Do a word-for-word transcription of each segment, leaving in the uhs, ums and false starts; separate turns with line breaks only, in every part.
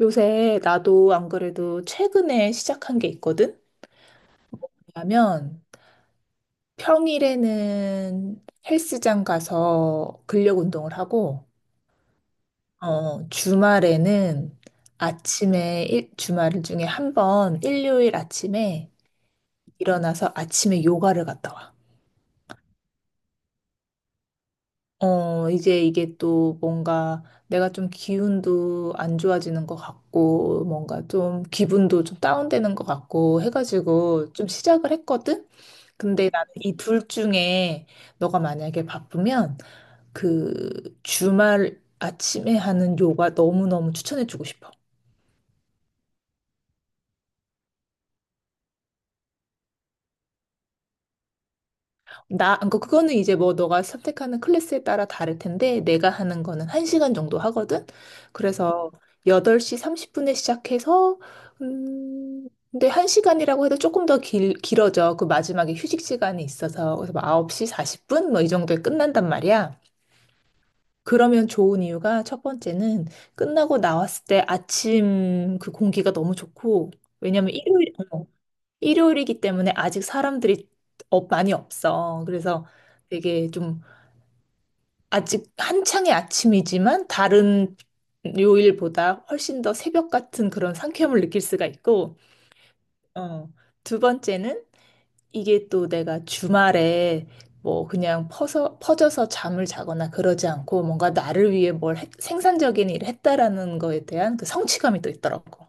요새 나도 안 그래도 최근에 시작한 게 있거든? 왜냐면 평일에는 헬스장 가서 근력 운동을 하고, 어, 주말에는 아침에, 일, 주말 중에 한 번, 일요일 아침에 일어나서 아침에 요가를 갔다 와. 어, 이제 이게 또 뭔가 내가 좀 기운도 안 좋아지는 것 같고, 뭔가 좀 기분도 좀 다운되는 것 같고 해가지고 좀 시작을 했거든? 근데 나는 이 둘 중에 너가 만약에 바쁘면 그 주말 아침에 하는 요가 너무너무 추천해주고 싶어. 나, 그거- 그거는 이제 뭐 너가 선택하는 클래스에 따라 다를 텐데, 내가 하는 거는 한 시간 정도 하거든? 그래서 여덟 시 삼십 분에 시작해서, 음, 근데 한 시간이라고 해도 조금 더 길, 길어져. 그 마지막에 휴식 시간이 있어서. 그래서 막 아홉 시 사십 분? 뭐 이 정도에 끝난단 말이야. 그러면 좋은 이유가 첫 번째는 끝나고 나왔을 때 아침 그 공기가 너무 좋고, 왜냐면 일요일, 어, 일요일이기 때문에 아직 사람들이 업 많이 없어. 그래서 되게 좀 아직 한창의 아침이지만 다른 요일보다 훨씬 더 새벽 같은 그런 상쾌함을 느낄 수가 있고, 어, 두 번째는 이게 또 내가 주말에 뭐 그냥 퍼서, 퍼져서 잠을 자거나 그러지 않고 뭔가 나를 위해 뭘 했- 생산적인 일을 했다라는 거에 대한 그 성취감이 또 있더라고.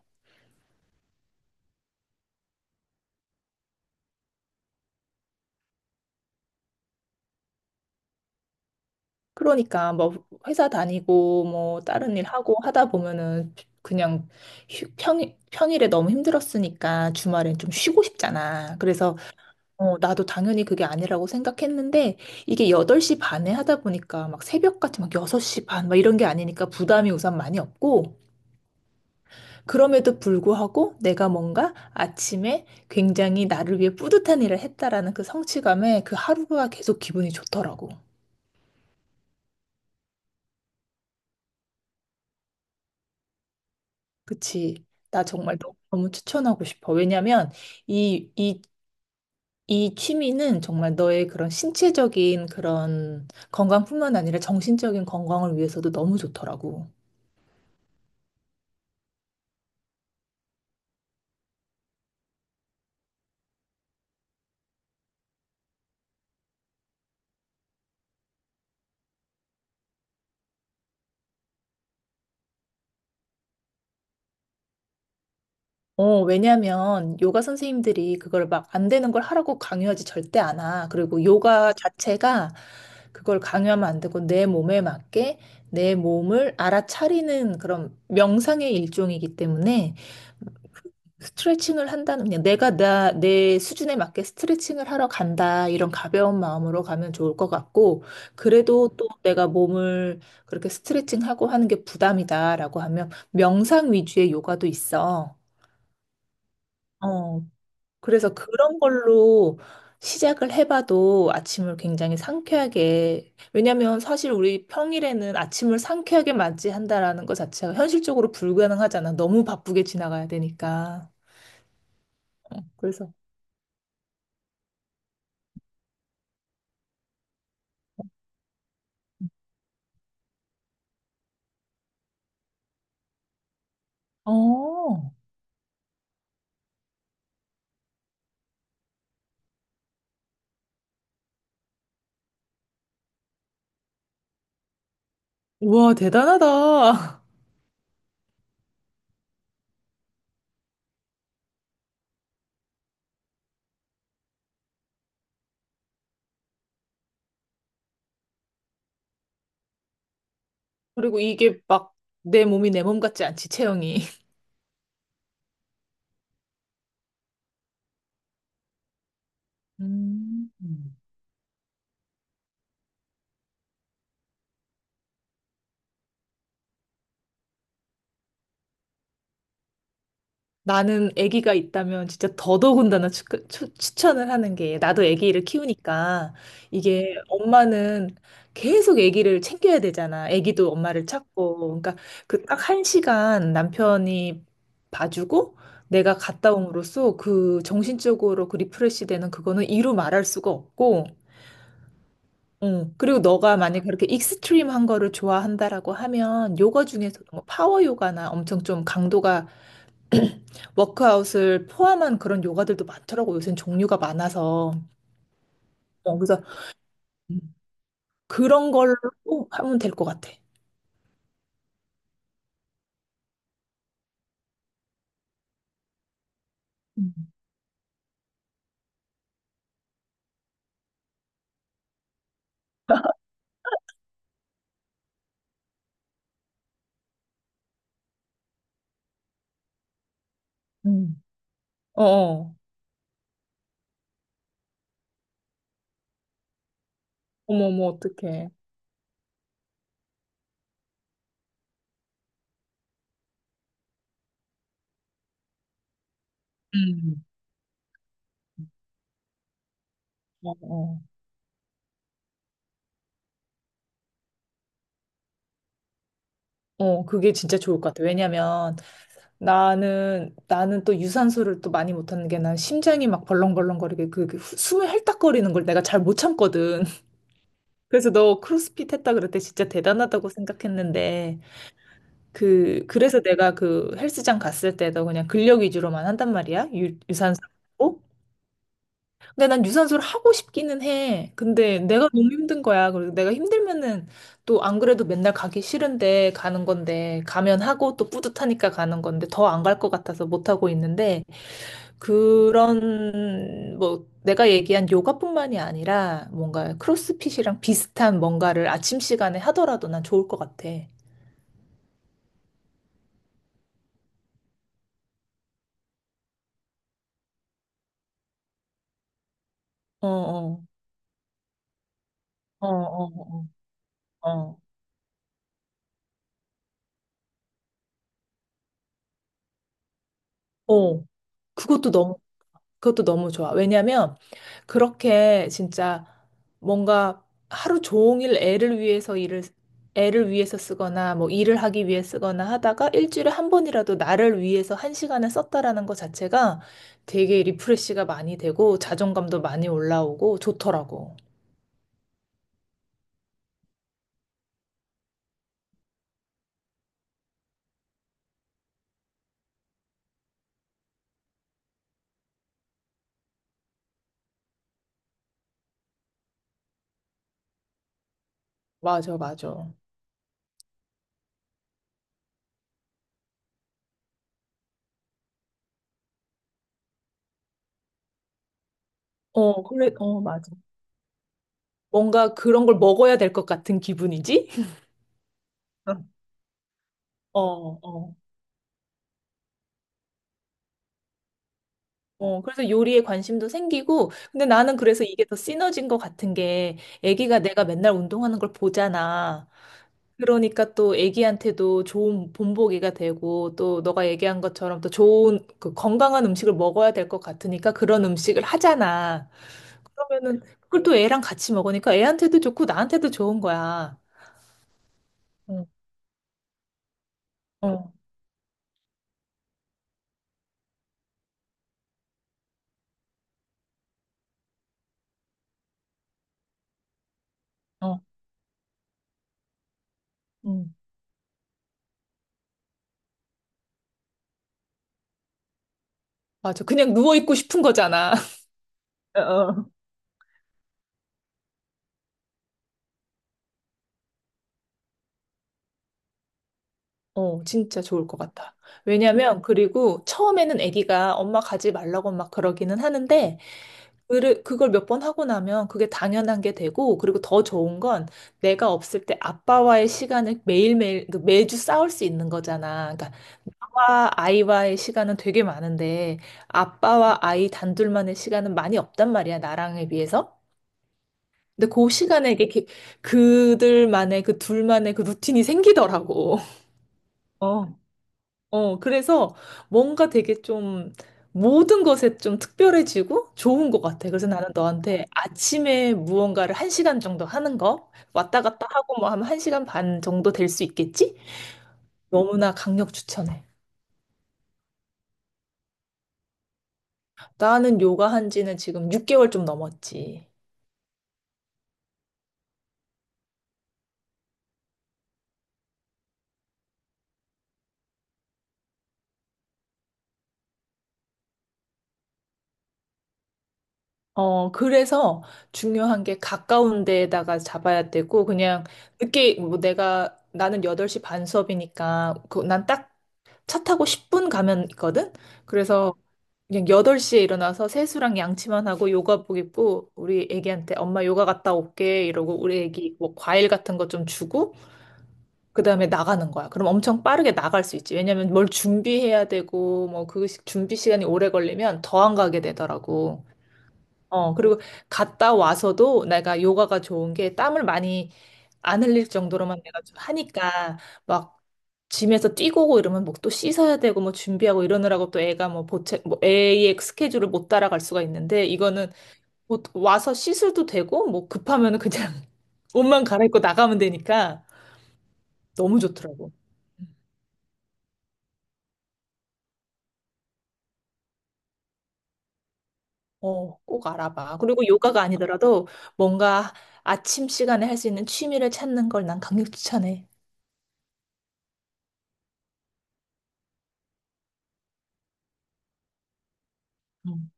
그러니까 뭐 회사 다니고 뭐 다른 일 하고 하다 보면은 그냥 휴- 평, 평일에 너무 힘들었으니까 주말엔 좀 쉬고 싶잖아. 그래서 어, 나도 당연히 그게 아니라고 생각했는데 이게 여덟 시 반에 하다 보니까 막 새벽같이 막 여섯 시 반 막 이런 게 아니니까 부담이 우선 많이 없고 그럼에도 불구하고 내가 뭔가 아침에 굉장히 나를 위해 뿌듯한 일을 했다라는 그 성취감에 그 하루가 계속 기분이 좋더라고. 그치. 나 정말 너- 너무 추천하고 싶어. 왜냐면 이, 이, 이 취미는 정말 너의 그런 신체적인 그런 건강뿐만 아니라 정신적인 건강을 위해서도 너무 좋더라고. 어, 왜냐면 요가 선생님들이 그걸 막 안 되는 걸 하라고 강요하지 절대 않아. 그리고 요가 자체가 그걸 강요하면 안 되고 내 몸에 맞게 내 몸을 알아차리는 그런 명상의 일종이기 때문에 스트레칭을 한다는 그냥 내가 나, 내 수준에 맞게 스트레칭을 하러 간다 이런 가벼운 마음으로 가면 좋을 것 같고 그래도 또 내가 몸을 그렇게 스트레칭하고 하는 게 부담이다라고 하면 명상 위주의 요가도 있어. 어, 그래서 그런 걸로 시작을 해봐도 아침을 굉장히 상쾌하게 왜냐면 사실 우리 평일에는 아침을 상쾌하게 맞이한다라는 것 자체가 현실적으로 불가능하잖아. 너무 바쁘게 지나가야 되니까. 그래서 어. 우와, 대단하다. 그리고 이게 막 내 몸이 내 몸 같지 않지, 체형이. 음. 나는 아기가 있다면 진짜 더더군다나 추, 천을 하는 게 나도 아기를 키우니까 이게 엄마는 계속 아기를 챙겨야 되잖아. 아기도 엄마를 찾고. 그러니까 그 딱 한 시간 남편이 봐주고 내가 갔다 옴으로써 그 정신적으로 그 리프레시 되는 그거는 이루 말할 수가 없고 어, 그리고 너가 만약에 그렇게 익스트림한 거를 좋아한다라고 하면 요가 중에서도 뭐 파워 요가나 엄청 좀 강도가 워크아웃을 포함한 그런 요가들도 많더라고. 요새는 종류가 많아서. 어, 그래서 음, 그런 걸로 하면 될 것 같아. 음. 음. 어, 어. 어머, 어머, 어떡해. 음. 어, 어. 어, 그게 진짜 좋을 것 같아. 왜냐면 나는 나는 또 유산소를 또 많이 못하는 게 난 심장이 막 벌렁벌렁거리게 그, 그 후- 숨을 헐떡거리는 걸 내가 잘 못 참거든. 그래서 너 크로스핏 했다 그럴 때 진짜 대단하다고 생각했는데 그 그래서 내가 그 헬스장 갔을 때도 그냥 근력 위주로만 한단 말이야. 유, 유산소. 하고. 근데 난 유산소를 하고 싶기는 해. 근데 내가 너무 힘든 거야. 그리고 내가 힘들면은 또 안 그래도 맨날 가기 싫은데 가는 건데 가면 하고 또 뿌듯하니까 가는 건데 더 안 갈 것 같아서 못 하고 있는데 그런 뭐 내가 얘기한 요가뿐만이 아니라 뭔가 크로스핏이랑 비슷한 뭔가를 아침 시간에 하더라도 난 좋을 것 같아. 어, 어, 어, 어, 어, 어. 어, 그것도 너무 그것도 너무 좋아. 왜냐면 그렇게 진짜 뭔가 하루 종일 애를 위해서 일을 애를 위해서 쓰거나 뭐 일을 하기 위해 쓰거나 하다가 일주일에 한 번이라도 나를 위해서 한 시간을 썼다라는 것 자체가 되게 리프레시가 많이 되고 자존감도 많이 올라오고 좋더라고. 맞아, 맞아. 어, 그래, 어, 맞아. 뭔가 그런 걸 먹어야 될 것 같은 기분이지? 어, 어. 어, 그래서 요리에 관심도 생기고, 근데 나는 그래서 이게 더 시너지인 것 같은 게, 애기가 내가 맨날 운동하는 걸 보잖아. 그러니까 또 애기한테도 좋은 본보기가 되고, 또 너가 얘기한 것처럼 또 좋은, 그 건강한 음식을 먹어야 될 것 같으니까 그런 음식을 하잖아. 그러면은 그걸 또 애랑 같이 먹으니까 애한테도 좋고 나한테도 좋은 거야. 어, 어, 어. 응. 맞아. 그냥 누워있고 싶은 거잖아. 어. 어, 진짜 좋을 것 같아. 왜냐면, 그리고 처음에는 아기가 엄마 가지 말라고 막 그러기는 하는데, 그를- 그걸 몇 번 하고 나면 그게 당연한 게 되고, 그리고 더 좋은 건 내가 없을 때 아빠와의 시간을 매일매일, 그 매주 싸울 수 있는 거잖아. 그러니까 아빠와 아이와의 시간은 되게 많은데, 아빠와 아이 단둘만의 시간은 많이 없단 말이야, 나랑에 비해서. 근데 그 시간에 이게 그- 그들만의 그 둘만의 그 루틴이 생기더라고. 어. 어, 그래서 뭔가 되게 좀 모든 것에 좀 특별해지고 좋은 것 같아. 그래서 나는 너한테 아침에 무언가를 한 시간 정도 하는 거 왔다 갔다 하고 뭐 하면 한 시간 반 정도 될 수 있겠지? 너무나 강력 추천해. 나는 요가 한 지는 지금 육 개월 좀 넘었지. 어, 그래서 중요한 게 가까운 데에다가 잡아야 되고, 그냥 늦게, 뭐 내가, 나는 여덟 시 반 수업이니까, 그, 난딱 차 타고 십 분 가면 있거든? 어. 그래서 그냥 여덟 시에 일어나서 세수랑 양치만 하고 요가복 입고 우리 애기한테 엄마 요가 갔다 올게 이러고 우리 애기 뭐 과일 같은 거 좀 주고 그다음에 나가는 거야. 그럼 엄청 빠르게 나갈 수 있지. 왜냐면 뭘 준비해야 되고 뭐 그 준비 시간이 오래 걸리면 더 안 가게 되더라고. 어, 그리고 갔다 와서도 내가 요가가 좋은 게 땀을 많이 안 흘릴 정도로만 내가 좀 하니까 막 짐에서 뛰고 오고 이러면 뭐 또 씻어야 되고 뭐 준비하고 이러느라고 또 애가 뭐 보채 뭐 애의 스케줄을 못 따라갈 수가 있는데 이거는 뭐 와서 씻어도 되고 뭐 급하면은 그냥 옷만 갈아입고 나가면 되니까 너무 좋더라고. 어, 꼭 알아봐. 그리고 요가가 아니더라도 뭔가 아침 시간에 할 수 있는 취미를 찾는 걸 난 강력 추천해. 음.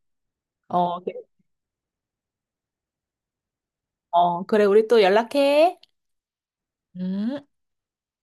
어, 어, 그래, 우리 또 연락해. 음.